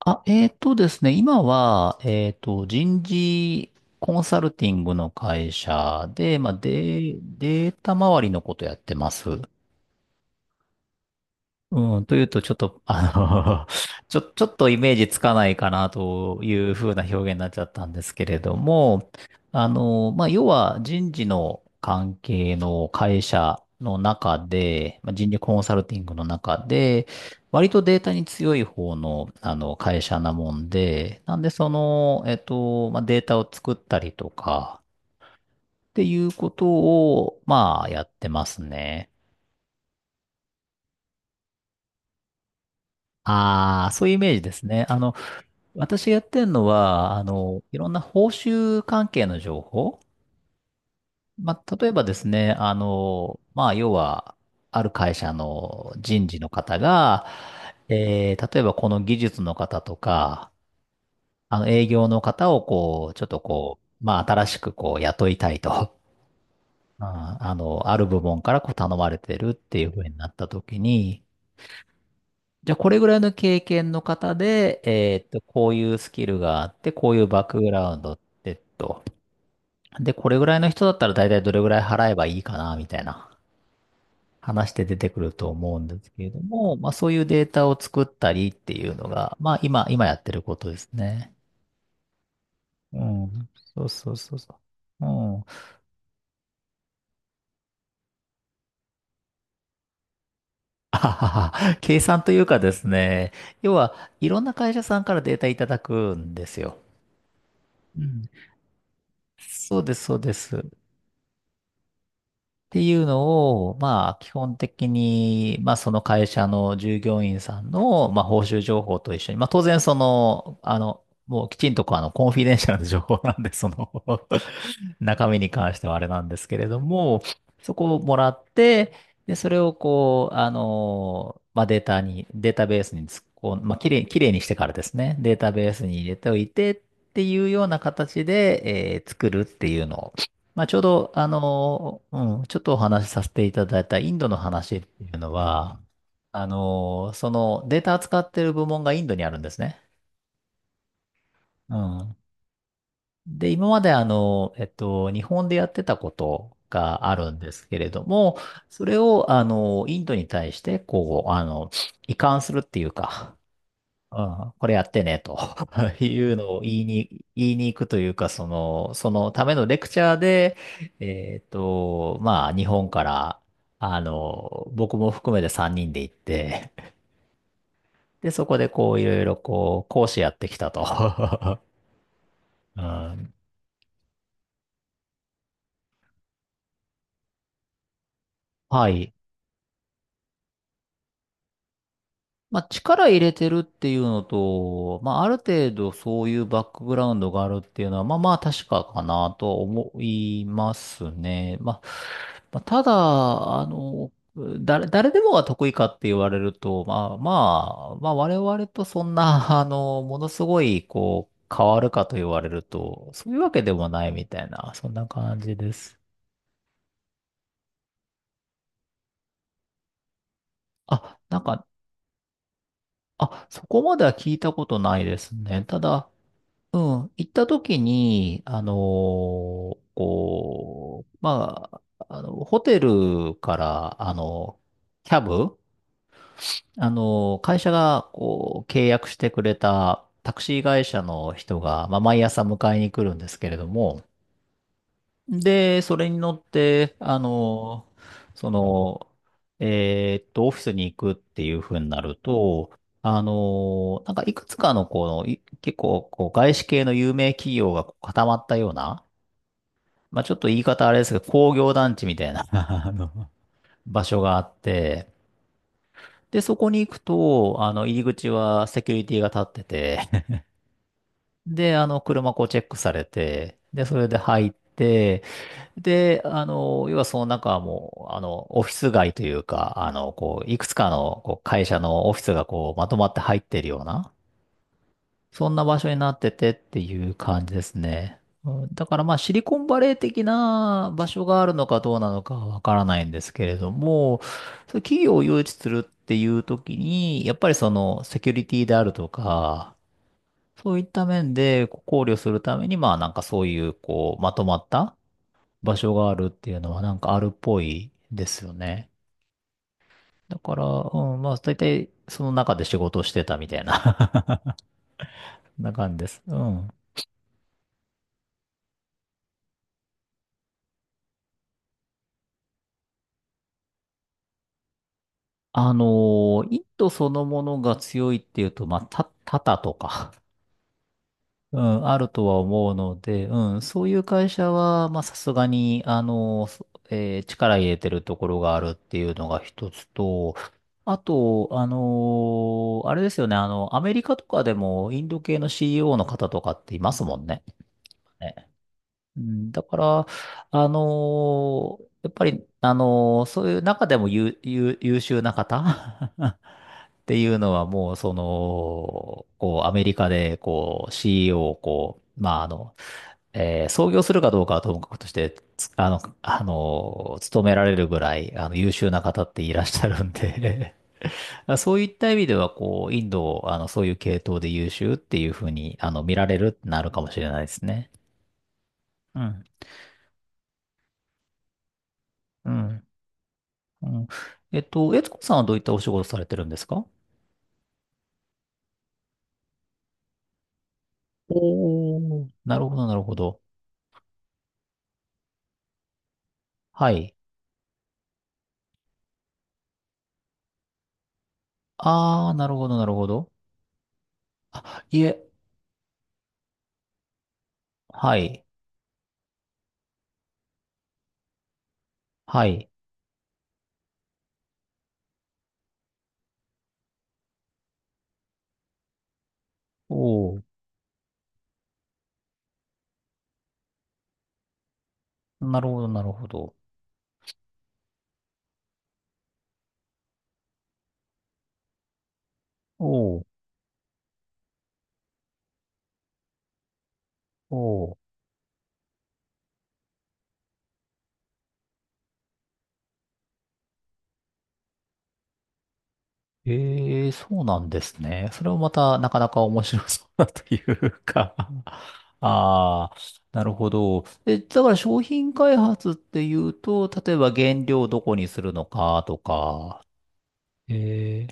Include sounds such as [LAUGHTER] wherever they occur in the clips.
あ、えーとですね、今は、人事コンサルティングの会社で、まあ、データ周りのことやってます。うん、というと、ちょっと、[LAUGHS] ちょっとイメージつかないかなというふうな表現になっちゃったんですけれども、まあ、要は人事の関係の会社の中で、まあ、人事コンサルティングの中で、割とデータに強い方の、あの会社なもんで、なんでその、まあ、データを作ったりとか、っていうことを、まあ、やってますね。ああ、そういうイメージですね。私がやってるのは、いろんな報酬関係の情報。まあ、例えばですね、まあ、要は、ある会社の人事の方が、例えばこの技術の方とか、営業の方をこう、ちょっとこう、まあ、新しくこう、雇いたいと。うんある部門からこう頼まれてるっていう風になった時に、じゃあこれぐらいの経験の方で、こういうスキルがあって、こういうバックグラウンドってと。で、これぐらいの人だったら大体どれぐらい払えばいいかな、みたいな話で出てくると思うんですけれども、まあそういうデータを作ったりっていうのが、まあ今やってることですね。うん。そうそうそうそう。うん。あはは、計算というかですね、要はいろんな会社さんからデータいただくんですよ。うん。そうです、そうです。っていうのを、まあ、基本的に、まあ、その会社の従業員さんの、まあ、報酬情報と一緒に、まあ、当然、その、もうきちんとこうコンフィデンシャルな情報なんで、その [LAUGHS] 中身に関してはあれなんですけれども、そこをもらって、で、それをこう、まあ、データベースに突っ込ん、まあ、きれいにしてからですね、データベースに入れておいてっていうような形で、作るっていうのを、まあ、ちょうど、うん、ちょっとお話しさせていただいたインドの話っていうのは、そのデータ扱ってる部門がインドにあるんですね。うん。で、今まで日本でやってたことがあるんですけれども、それを、インドに対して、こう、移管するっていうか、うん、これやってね、と [LAUGHS] いうのを言いに行くというか、その、そのためのレクチャーで、まあ、日本から、僕も含めて3人で行って、で、そこでこう、いろいろこう、講師やってきたと。[LAUGHS] うん、はい。まあ、力入れてるっていうのと、まあ、ある程度そういうバックグラウンドがあるっていうのは、まあまあ確かかなとは思いますね。まあ、まあ、ただ、あの、誰でもが得意かって言われると、まあまあ、まあ我々とそんな、[LAUGHS] ものすごい、こう、変わるかと言われると、そういうわけでもないみたいな、そんな感じです。あ、なんか、あ、そこまでは聞いたことないですね。ただ、うん、行った時に、こう、まあ、ホテルから、キャブ、会社が、こう、契約してくれたタクシー会社の人が、まあ、毎朝迎えに来るんですけれども、で、それに乗って、その、オフィスに行くっていう風になると、なんかいくつかのこの、結構こう外資系の有名企業がこう固まったような、まあちょっと言い方あれですけど、工業団地みたいな [LAUGHS] あの場所があって、で、そこに行くと、入り口はセキュリティが立ってて、で、車こうチェックされて、で、それで入って、で、要はその中はもう、オフィス街というか、こう、いくつかのこう会社のオフィスがこう、まとまって入ってるような、そんな場所になっててっていう感じですね。うんだからまあ、シリコンバレー的な場所があるのかどうなのかはわからないんですけれども、そう企業を誘致するっていう時に、やっぱりその、セキュリティであるとか、そういった面でこう考慮するために、まあなんかそういう、こう、まとまった、場所があるっていうのはなんかあるっぽいですよね。だから、うん、まあ、大体その中で仕事をしてたみたいな [LAUGHS] な感じです。うん。あのインドそのものが強いっていうと、まあ、タタとか、うん、あるとは思うので、うん、そういう会社は、まあ、さすがに、そえー力入れてるところがあるっていうのが一つと、あと、あれですよね、アメリカとかでもインド系の CEO の方とかっていますもんね。ねうんだから、やっぱり、そういう中でも優秀な方 [LAUGHS] っていうのはもう、その、こう、アメリカで、こう、CEO を、こう、まあ、創業するかどうかはともかくとして、つあの、勤められるぐらい、優秀な方っていらっしゃるんで [LAUGHS] そういった意味では、こう、インドを、そういう系統で優秀っていうふうに、見られるってなるかもしれないですね。うん。うん。うん。悦子さんはどういったお仕事されてるんですか？おー、なるほど、なるほど。はい。あー、なるほど、なるほど。あ、いえ、はい、はい。おー、なるほど、なるほど。おー、おー。えー、そうなんですね。それもまた、なかなか面白そうだというかあー、なるほど。え、だから商品開発っていうと、例えば原料をどこにするのかとか、え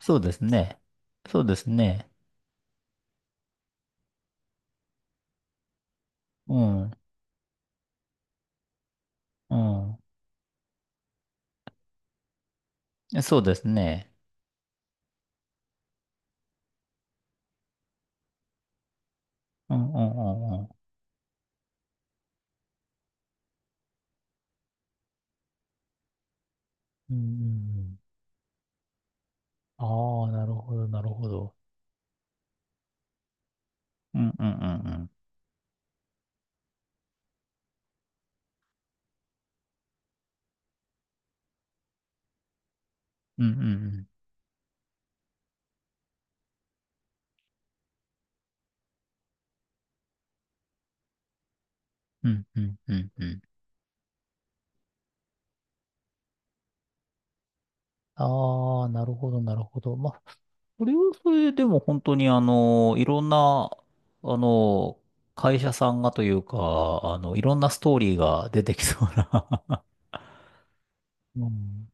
そうですね。そうですね。うん。うん。そうですね。うんうんうんうん。うんうんうん。ああ、なるほど、なるほど。うんうんうんうん。うんうんうん。うんうんうんうん。ああ、なるほど、なるほど。まあ、それはそれでも本当にいろんな、あの、会社さんがというか、いろんなストーリーが出てきそうな [LAUGHS] うん、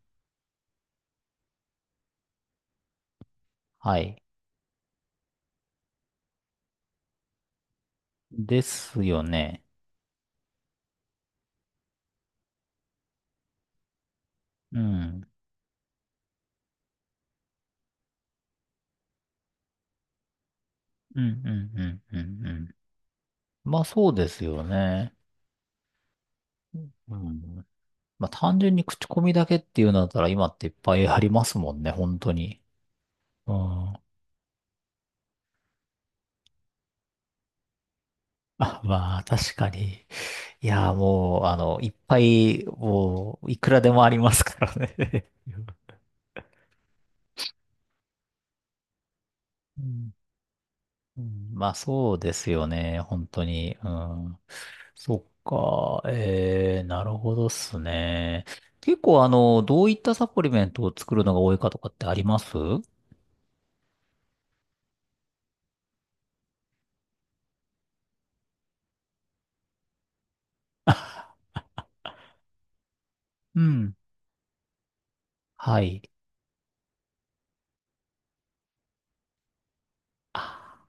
はい。ですよね。うん。うんうんうんうんうん。まあそうですよね。うん。まあ単純に口コミだけっていうんだったら今っていっぱいありますもんね、本当に。うん。あ、まあ確かに。いや、もう、いっぱい、もう、いくらでもありますからね。[LAUGHS] うんうんまあそうですよね、本当に。うん。そっか、えー、なるほどっすね。結構どういったサプリメントを作るのが多いかとかってあります？うん。はい。あ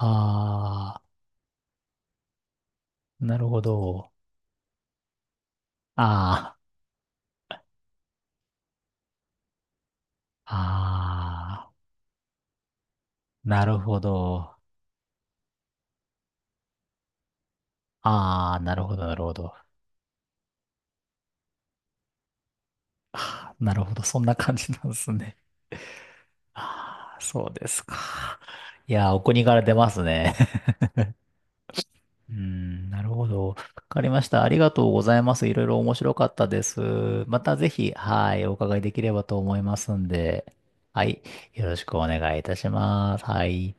あー、なるほど。ああ、ああ、なるほど。ああ、なるほど、なるほど。なるほど、そんな感じなんですね。ああ、そうですか。いやー、お国から出ますね。[LAUGHS] うーん、なるほど。わかりました。ありがとうございます。いろいろ面白かったです。またぜひ、はい、お伺いできればと思いますんで。はい、よろしくお願いいたします。はい。